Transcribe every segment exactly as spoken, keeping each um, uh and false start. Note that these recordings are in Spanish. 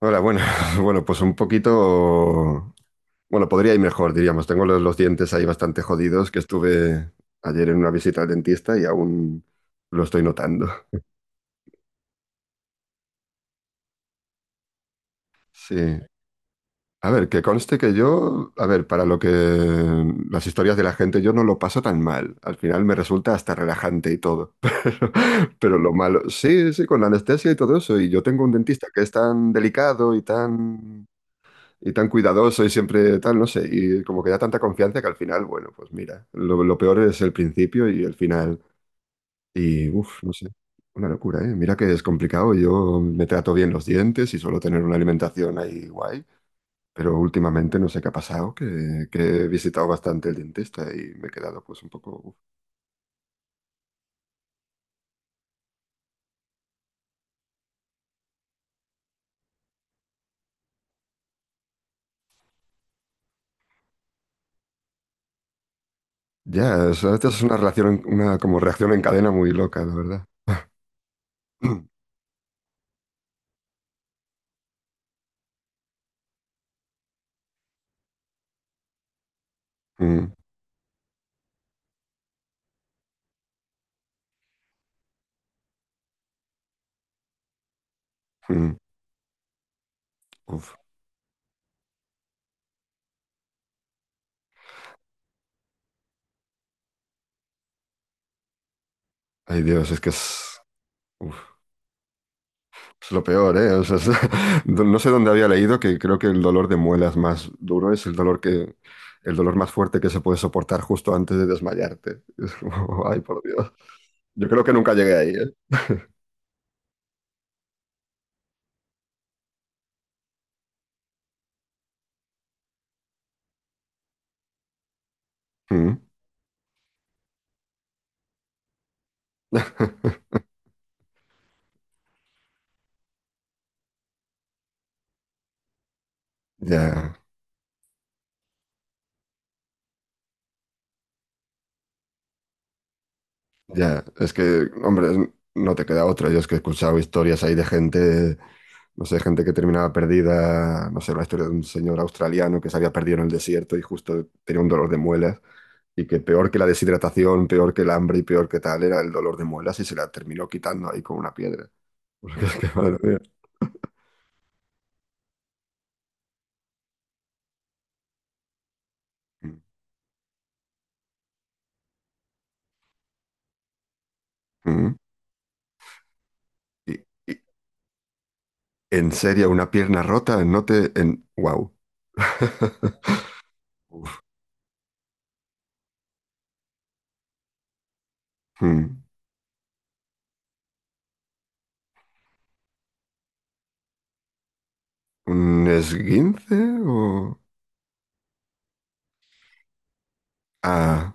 Hola, bueno, bueno, pues un poquito, bueno, podría ir mejor, diríamos. Tengo los, los dientes ahí bastante jodidos, que estuve ayer en una visita al dentista y aún lo estoy notando. Sí. A ver, que conste que yo, a ver, para lo que las historias de la gente, yo no lo paso tan mal. Al final me resulta hasta relajante y todo. Pero, pero lo malo, sí, sí, con la anestesia y todo eso. Y yo tengo un dentista que es tan delicado y tan y tan cuidadoso y siempre tal, no sé, y como que da tanta confianza que al final, bueno, pues mira, lo, lo peor es el principio y el final, y uff, no sé, una locura, ¿eh? Mira que es complicado, yo me trato bien los dientes y suelo tener una alimentación ahí guay, pero últimamente no sé qué ha pasado, que, que he visitado bastante el dentista y me he quedado pues un poco, uf. Ya, o sea, esta es una relación, una como reacción en cadena muy loca, la verdad. Mm. Mm. Uf. Ay, Dios, es que es... Uf. Es lo peor, ¿eh? O sea, es- no sé dónde había leído que creo que el dolor de muelas más duro es el dolor que, el dolor más fuerte que se puede soportar justo antes de desmayarte. Es como, ay, por Dios. Yo creo que nunca llegué ahí, ¿eh? Mm. Ya, ya. Es que, hombre, no te queda otra. Yo es que he escuchado historias ahí de gente, no sé, gente que terminaba perdida, no sé, la historia de un señor australiano que se había perdido en el desierto y justo tenía un dolor de muelas. Y que peor que la deshidratación, peor que el hambre y peor que tal era el dolor de muelas y se la terminó quitando ahí con una piedra. Porque es que, madre mía. Mm. Mm. Y, y- en serio, una pierna rota, no te... En... Wow. ¿Un esguince o...? Ah,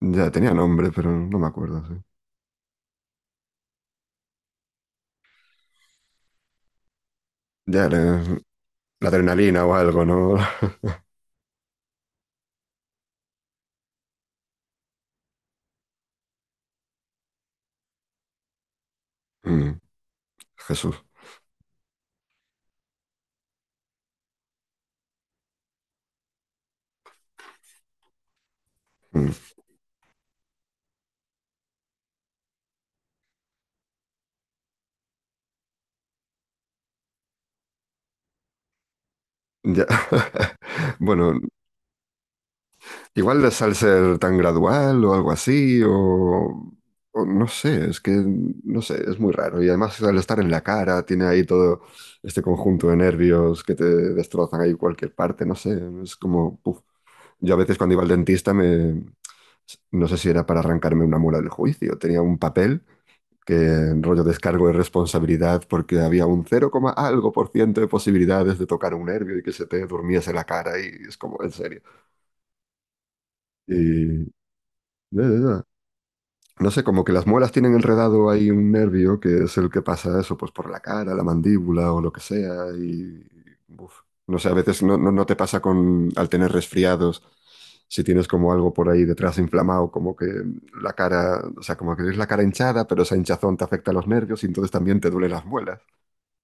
ya tenía nombre, pero no me acuerdo. Sí. Ya, la, la adrenalina o algo, ¿no? Mm, Jesús. Mm, ya. Bueno, igual les al ser tan gradual o algo así, o, o no sé, es que no sé, es muy raro. Y además al estar en la cara, tiene ahí todo este conjunto de nervios que te destrozan ahí cualquier parte, no sé, es como, puf. Yo a veces cuando iba al dentista me, no sé si era para arrancarme una mula del juicio, tenía un papel que en rollo descargo de responsabilidad porque había un cero coma algo por ciento de posibilidades de tocar un nervio y que se te durmiese la cara y es como, en serio. Y... eh, No sé, como que las muelas tienen enredado ahí un nervio que es el que pasa eso, pues por la cara, la mandíbula o lo que sea. Y, uf, no sé, a veces no, no, no te pasa con, al tener resfriados, si tienes como algo por ahí detrás inflamado, como que la cara, o sea, como que tienes la cara hinchada, pero esa hinchazón te afecta a los nervios y entonces también te duelen las muelas,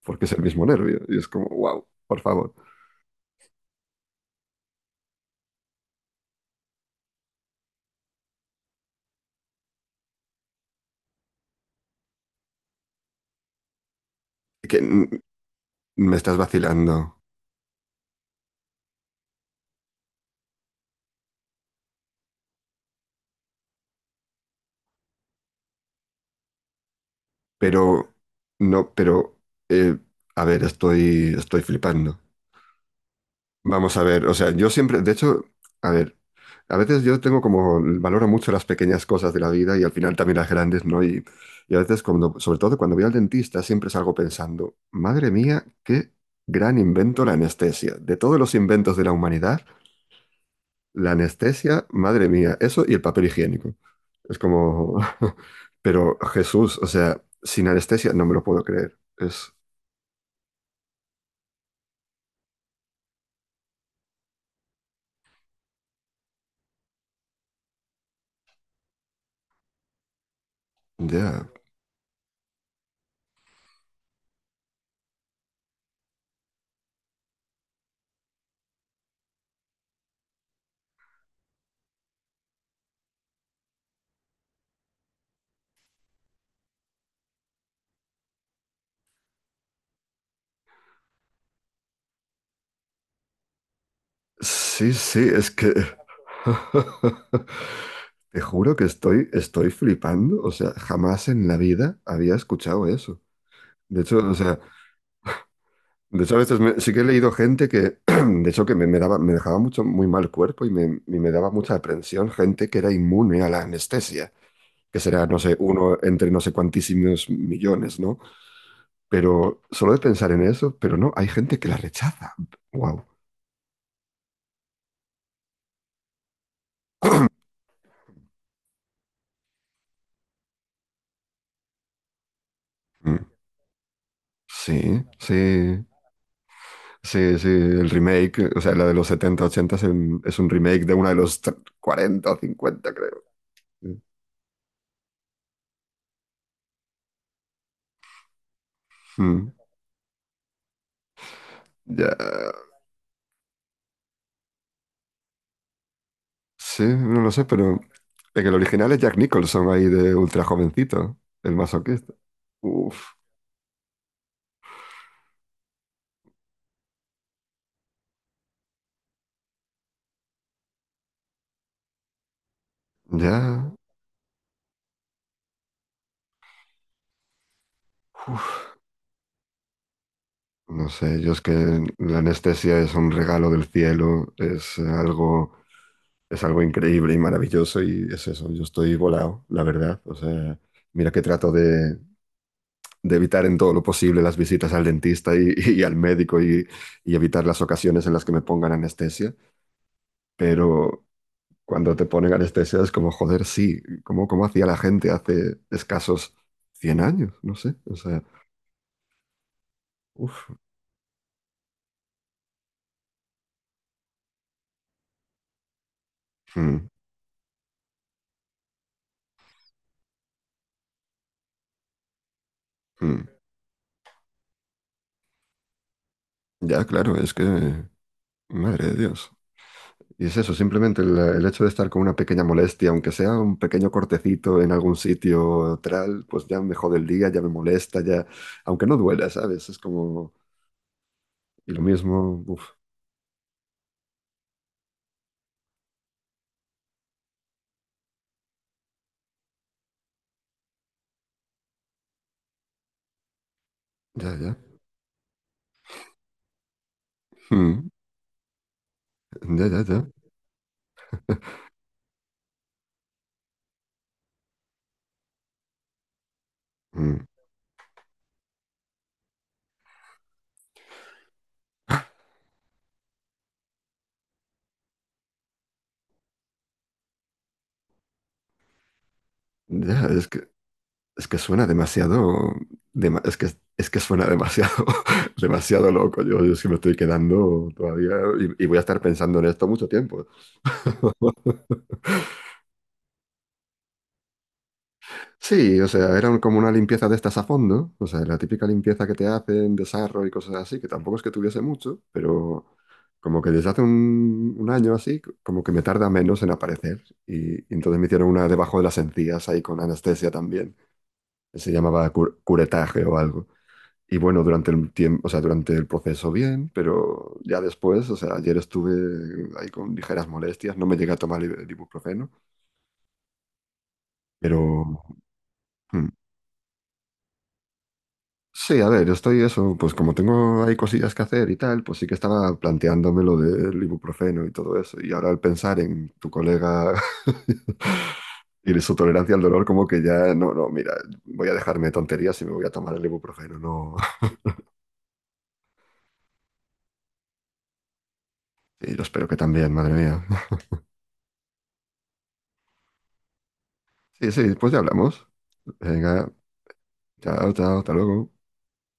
porque es el mismo nervio. Y es como, wow, por favor. Que mm, me estás vacilando, pero no, pero, eh, a ver, estoy, estoy flipando. Vamos a ver, o sea, yo siempre, de hecho, a ver, a veces yo tengo como, valoro mucho las pequeñas cosas de la vida y al final también las grandes, ¿no? Y, y a veces, cuando, sobre todo cuando voy al dentista, siempre salgo pensando, madre mía, qué gran invento la anestesia. De todos los inventos de la humanidad, la anestesia, madre mía, eso y el papel higiénico. Es como, pero Jesús, o sea, sin anestesia no me lo puedo creer. Es, ya, sí, sí, es que... Te juro que estoy, estoy flipando. O sea, jamás en la vida había escuchado eso. De hecho, o sea, de hecho a veces me- sí que he leído gente que, de hecho, que me, me daba, me dejaba mucho, muy mal cuerpo y me, y me daba mucha aprensión gente que era inmune a la anestesia, que será, no sé, uno entre no sé cuantísimos millones, ¿no? Pero solo de pensar en eso, pero no, hay gente que la rechaza. Wow. Sí, sí. Sí, sí, el remake, o sea, la de los setenta ochenta es, un es un remake de una de los tre- cuarenta o cincuenta, creo. Mm, ya, sí, no lo sé, pero en el original es Jack Nicholson ahí de ultra jovencito, el masoquista. Uf, ya, uf, no sé, yo es que la anestesia es un regalo del cielo, es algo, es algo, increíble y maravilloso y es eso, yo estoy volado, la verdad. O sea, mira que trato de de evitar en todo lo posible las visitas al dentista y, y al médico y, y, evitar las ocasiones en las que me pongan anestesia, pero cuando te ponen anestesia es como, joder, sí, como, como hacía la gente hace escasos cien años, no sé, o sea, uff, mm, mm. Ya claro, es que, madre de Dios. Y es eso, simplemente el, el, hecho de estar con una pequeña molestia, aunque sea un pequeño cortecito en algún sitio tal, pues ya me jode el día, ya me molesta, ya, aunque no duela, ¿sabes? Es como, y lo mismo, uf, ya, ya. Mm, ya, ya. ya. Mm, ya, es que, es que, suena demasiado, dema- es que, es que suena demasiado, demasiado loco. Yo, yo sí me estoy quedando todavía y, y voy a estar pensando en esto mucho tiempo. Sí, o sea, eran como una limpieza de estas a fondo, o sea, la típica limpieza que te hacen, desarrollo y cosas así, que tampoco es que tuviese mucho, pero como que desde hace un, un año así, c- como que me tarda menos en aparecer. Y, y entonces me hicieron una debajo de las encías ahí con anestesia también, que se llamaba cur- curetaje o algo. Y bueno, durante el tiempo, o sea, durante el proceso bien, pero ya después, o sea, ayer estuve ahí con ligeras molestias, no me llegué a tomar el ibuprofeno, pero... hmm, sí, a ver, yo estoy eso, pues como tengo ahí cosillas que hacer y tal, pues sí que estaba planteándome lo del ibuprofeno y todo eso. Y ahora al pensar en tu colega y de su tolerancia al dolor, como que ya, no, no, mira, voy a dejarme de tonterías y me voy a tomar el ibuprofeno, no. Y yo espero que también, madre mía. Sí, sí, pues ya hablamos. Venga, chao, chao, hasta luego.